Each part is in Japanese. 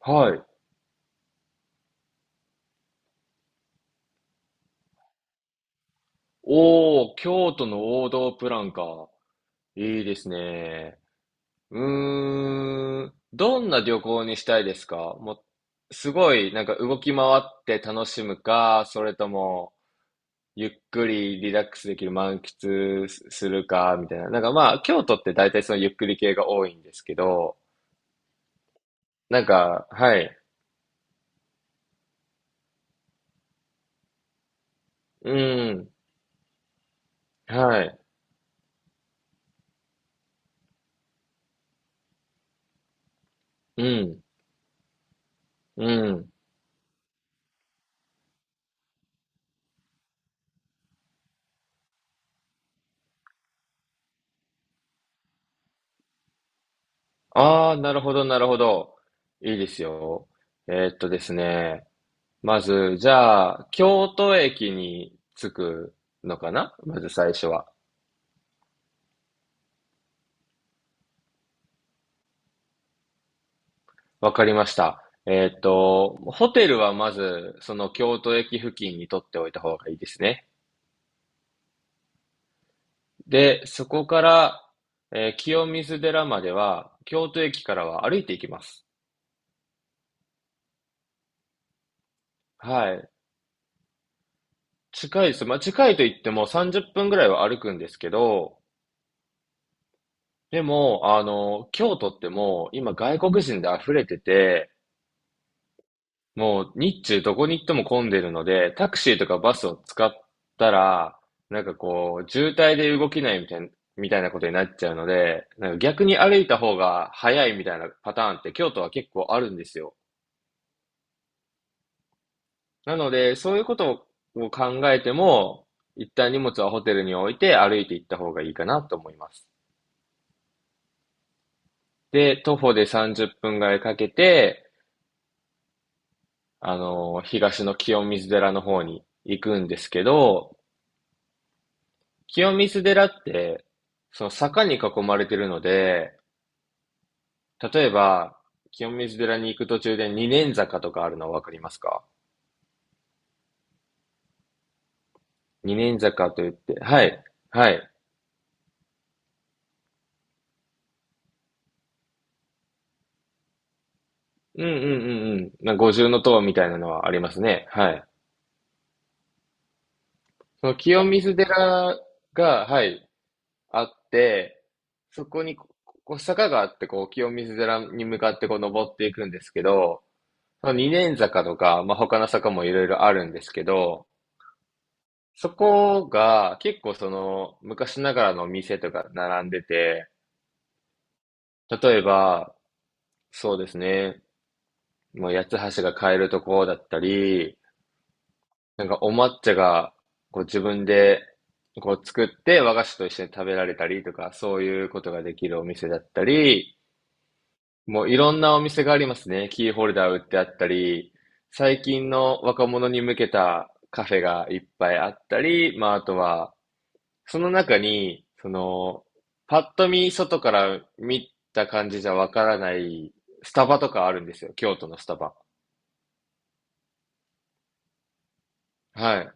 はい。おー、京都の王道プランか。いいですね。どんな旅行にしたいですか？もう、すごい、なんか動き回って楽しむか、それとも、ゆっくりリラックスできる満喫するか、みたいな。なんかまあ、京都って大体そのゆっくり系が多いんですけど、なんか、はい。うん。はい。うん。うん。ああ、なるほど、なるほど。いいですよ。ですね。まず、じゃあ、京都駅に着くのかな、まず最初は。わかりました。ホテルはまず、その京都駅付近に取っておいた方がいいですね。で、そこから、清水寺までは、京都駅からは歩いていきます。はい。近いです。まあ、近いと言っても30分ぐらいは歩くんですけど、でも、あの、京都ってもう今外国人で溢れてて、もう日中どこに行っても混んでるので、タクシーとかバスを使ったら、なんかこう、渋滞で動けないみたいな、みたいなことになっちゃうので、なんか逆に歩いた方が早いみたいなパターンって京都は結構あるんですよ。なので、そういうことを考えても、一旦荷物はホテルに置いて歩いて行った方がいいかなと思います。で、徒歩で30分ぐらいかけて、あの、東の清水寺の方に行くんですけど、清水寺って、その坂に囲まれてるので、例えば、清水寺に行く途中で二年坂とかあるのわかりますか？二年坂と言って、はい、はい。うんうんうんうん。な五重の塔みたいなのはありますね。はい。その清水寺が、はい、あって、そこにこ、こう坂があって、こう、清水寺に向かってこう登っていくんですけど、その二年坂とか、まあ、他の坂もいろいろあるんですけど、そこが結構その昔ながらの店とか並んでて、例えば、そうですね、もう八つ橋が買えるとこだったり、なんかお抹茶がこう自分でこう作って和菓子と一緒に食べられたりとか、そういうことができるお店だったり、もういろんなお店がありますね。キーホルダー売ってあったり、最近の若者に向けたカフェがいっぱいあったり、まああとは、その中に、その、パッと見、外から見た感じじゃわからないスタバとかあるんですよ。京都のスタバ。は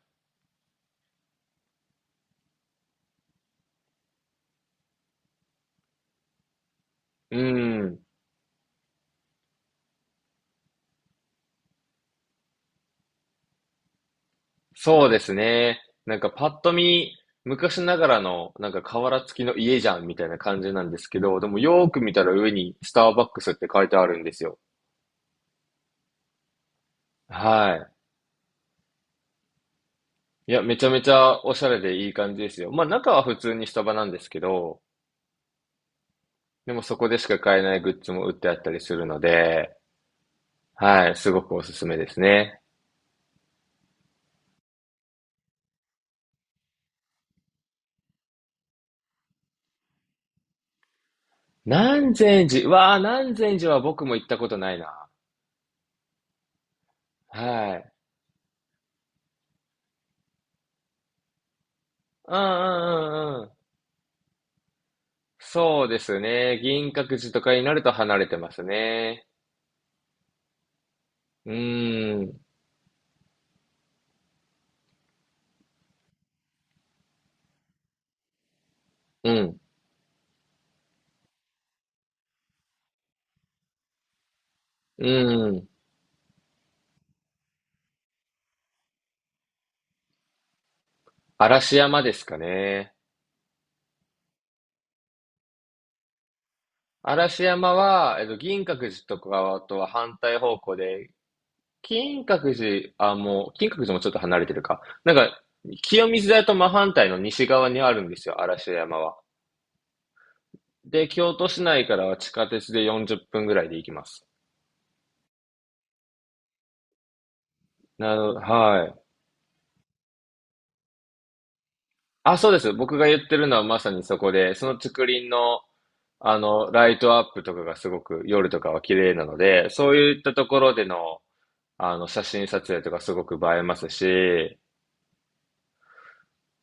い。うん。そうですね。なんかパッと見、昔ながらの、なんか瓦付きの家じゃんみたいな感じなんですけど、でもよーく見たら上にスターバックスって書いてあるんですよ。はい。いや、めちゃめちゃおしゃれでいい感じですよ。まあ中は普通にスタバなんですけど、でもそこでしか買えないグッズも売ってあったりするので、はい、すごくおすすめですね。南禅寺、わあ、南禅寺は僕も行ったことないな。はい。うんうんうんうん。そうですね。銀閣寺とかになると離れてますね。うーん、うん、うん。嵐山ですかね。嵐山は、えっと、銀閣寺とかとは反対方向で、金閣寺、あ、もう、金閣寺もちょっと離れてるか。なんか、清水寺と真反対の西側にあるんですよ、嵐山は。で、京都市内からは地下鉄で40分ぐらいで行きます。なるほど、はい。あ、そうです。僕が言ってるのはまさにそこで、その竹林の、あの、ライトアップとかがすごく夜とかは綺麗なので、そういったところでの、あの、写真撮影とかすごく映えますし、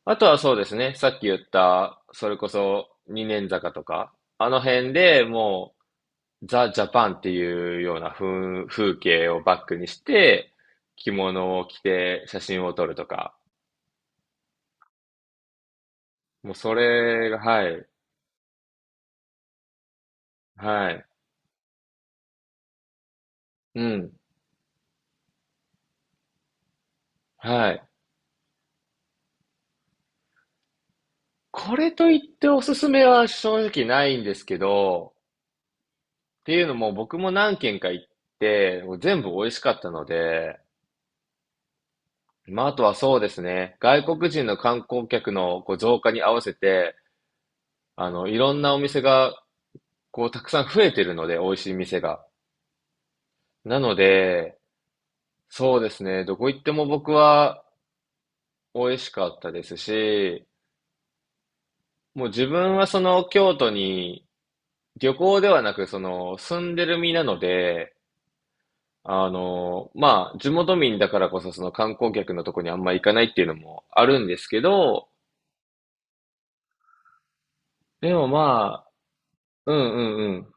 あとはそうですね、さっき言った、それこそ二年坂とか、あの辺でもう、ザ・ジャパンっていうような風景をバックにして、着物を着て写真を撮るとか。もうそれが、はい、はい、うん、はい。これといっておすすめは正直ないんですけど、っていうのも僕も何軒か行って、全部美味しかったので、まあ、あとはそうですね、外国人の観光客のこう増加に合わせて、あの、いろんなお店が、こう、たくさん増えてるので、美味しい店が。なので、そうですね。どこ行っても僕は美味しかったですし、もう自分はその京都に旅行ではなくその住んでる身なので、あの、まあ地元民だからこそその観光客のとこにあんま行かないっていうのもあるんですけど、でもまあ、うんうんうん。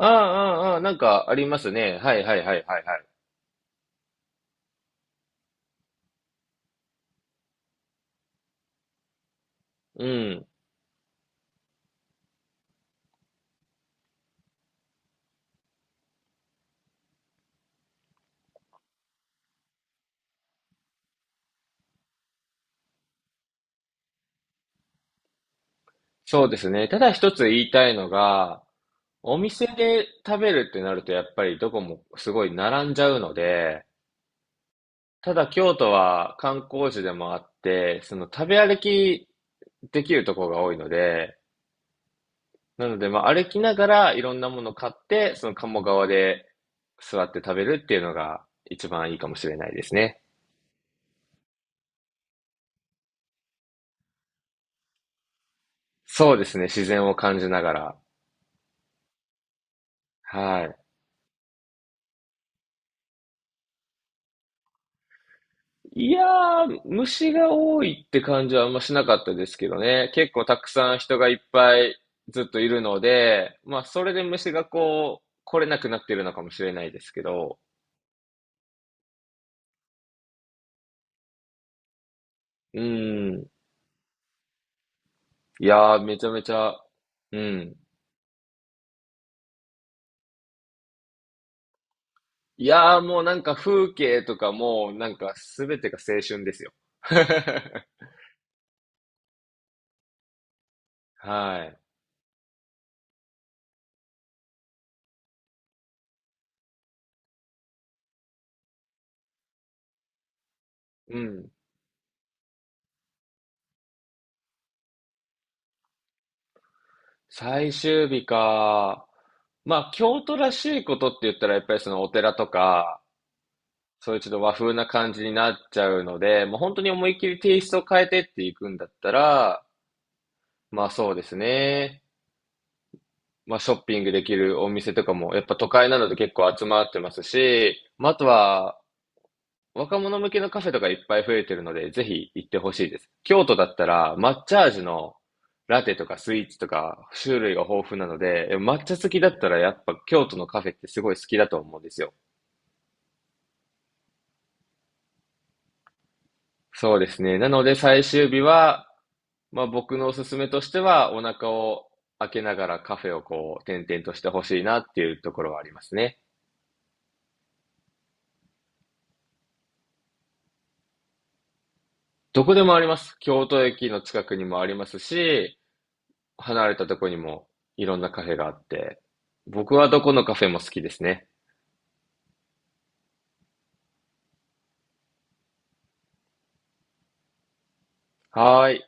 ああ、ああ、ああ、なんかありますね。はいはいはいはいはい。うん。そうですね。ただ一つ言いたいのが、お店で食べるってなるとやっぱりどこもすごい並んじゃうので、ただ京都は観光地でもあって、その食べ歩きできるところが多いので、なので、まあ、歩きながらいろんなものを買って、その鴨川で座って食べるっていうのが一番いいかもしれないですね。そうですね、自然を感じながら。はい。いやー、虫が多いって感じはあんましなかったですけどね。結構たくさん人がいっぱいずっといるので、まあ、それで虫がこう、来れなくなってるのかもしれないですけど、うん。いやー、めちゃめちゃ、うん。いやー、もうなんか風景とかも、なんかすべてが青春ですよ。はい。うん。最終日か。まあ、京都らしいことって言ったら、やっぱりそのお寺とか、そういうちょっと和風な感じになっちゃうので、もう本当に思いっきりテイストを変えてっていくんだったら、まあそうですね。まあショッピングできるお店とかも、やっぱ都会なので結構集まってますし、まああとは、若者向けのカフェとかいっぱい増えてるので、ぜひ行ってほしいです。京都だったら、抹茶味のラテとかスイーツとか種類が豊富なので、抹茶好きだったらやっぱ京都のカフェってすごい好きだと思うんですよ。そうですね。なので最終日は、まあ僕のおすすめとしては、お腹を開けながらカフェをこう、点々としてほしいなっていうところはありますね。どこでもあります。京都駅の近くにもありますし、離れたとこにもいろんなカフェがあって、僕はどこのカフェも好きですね。はーい。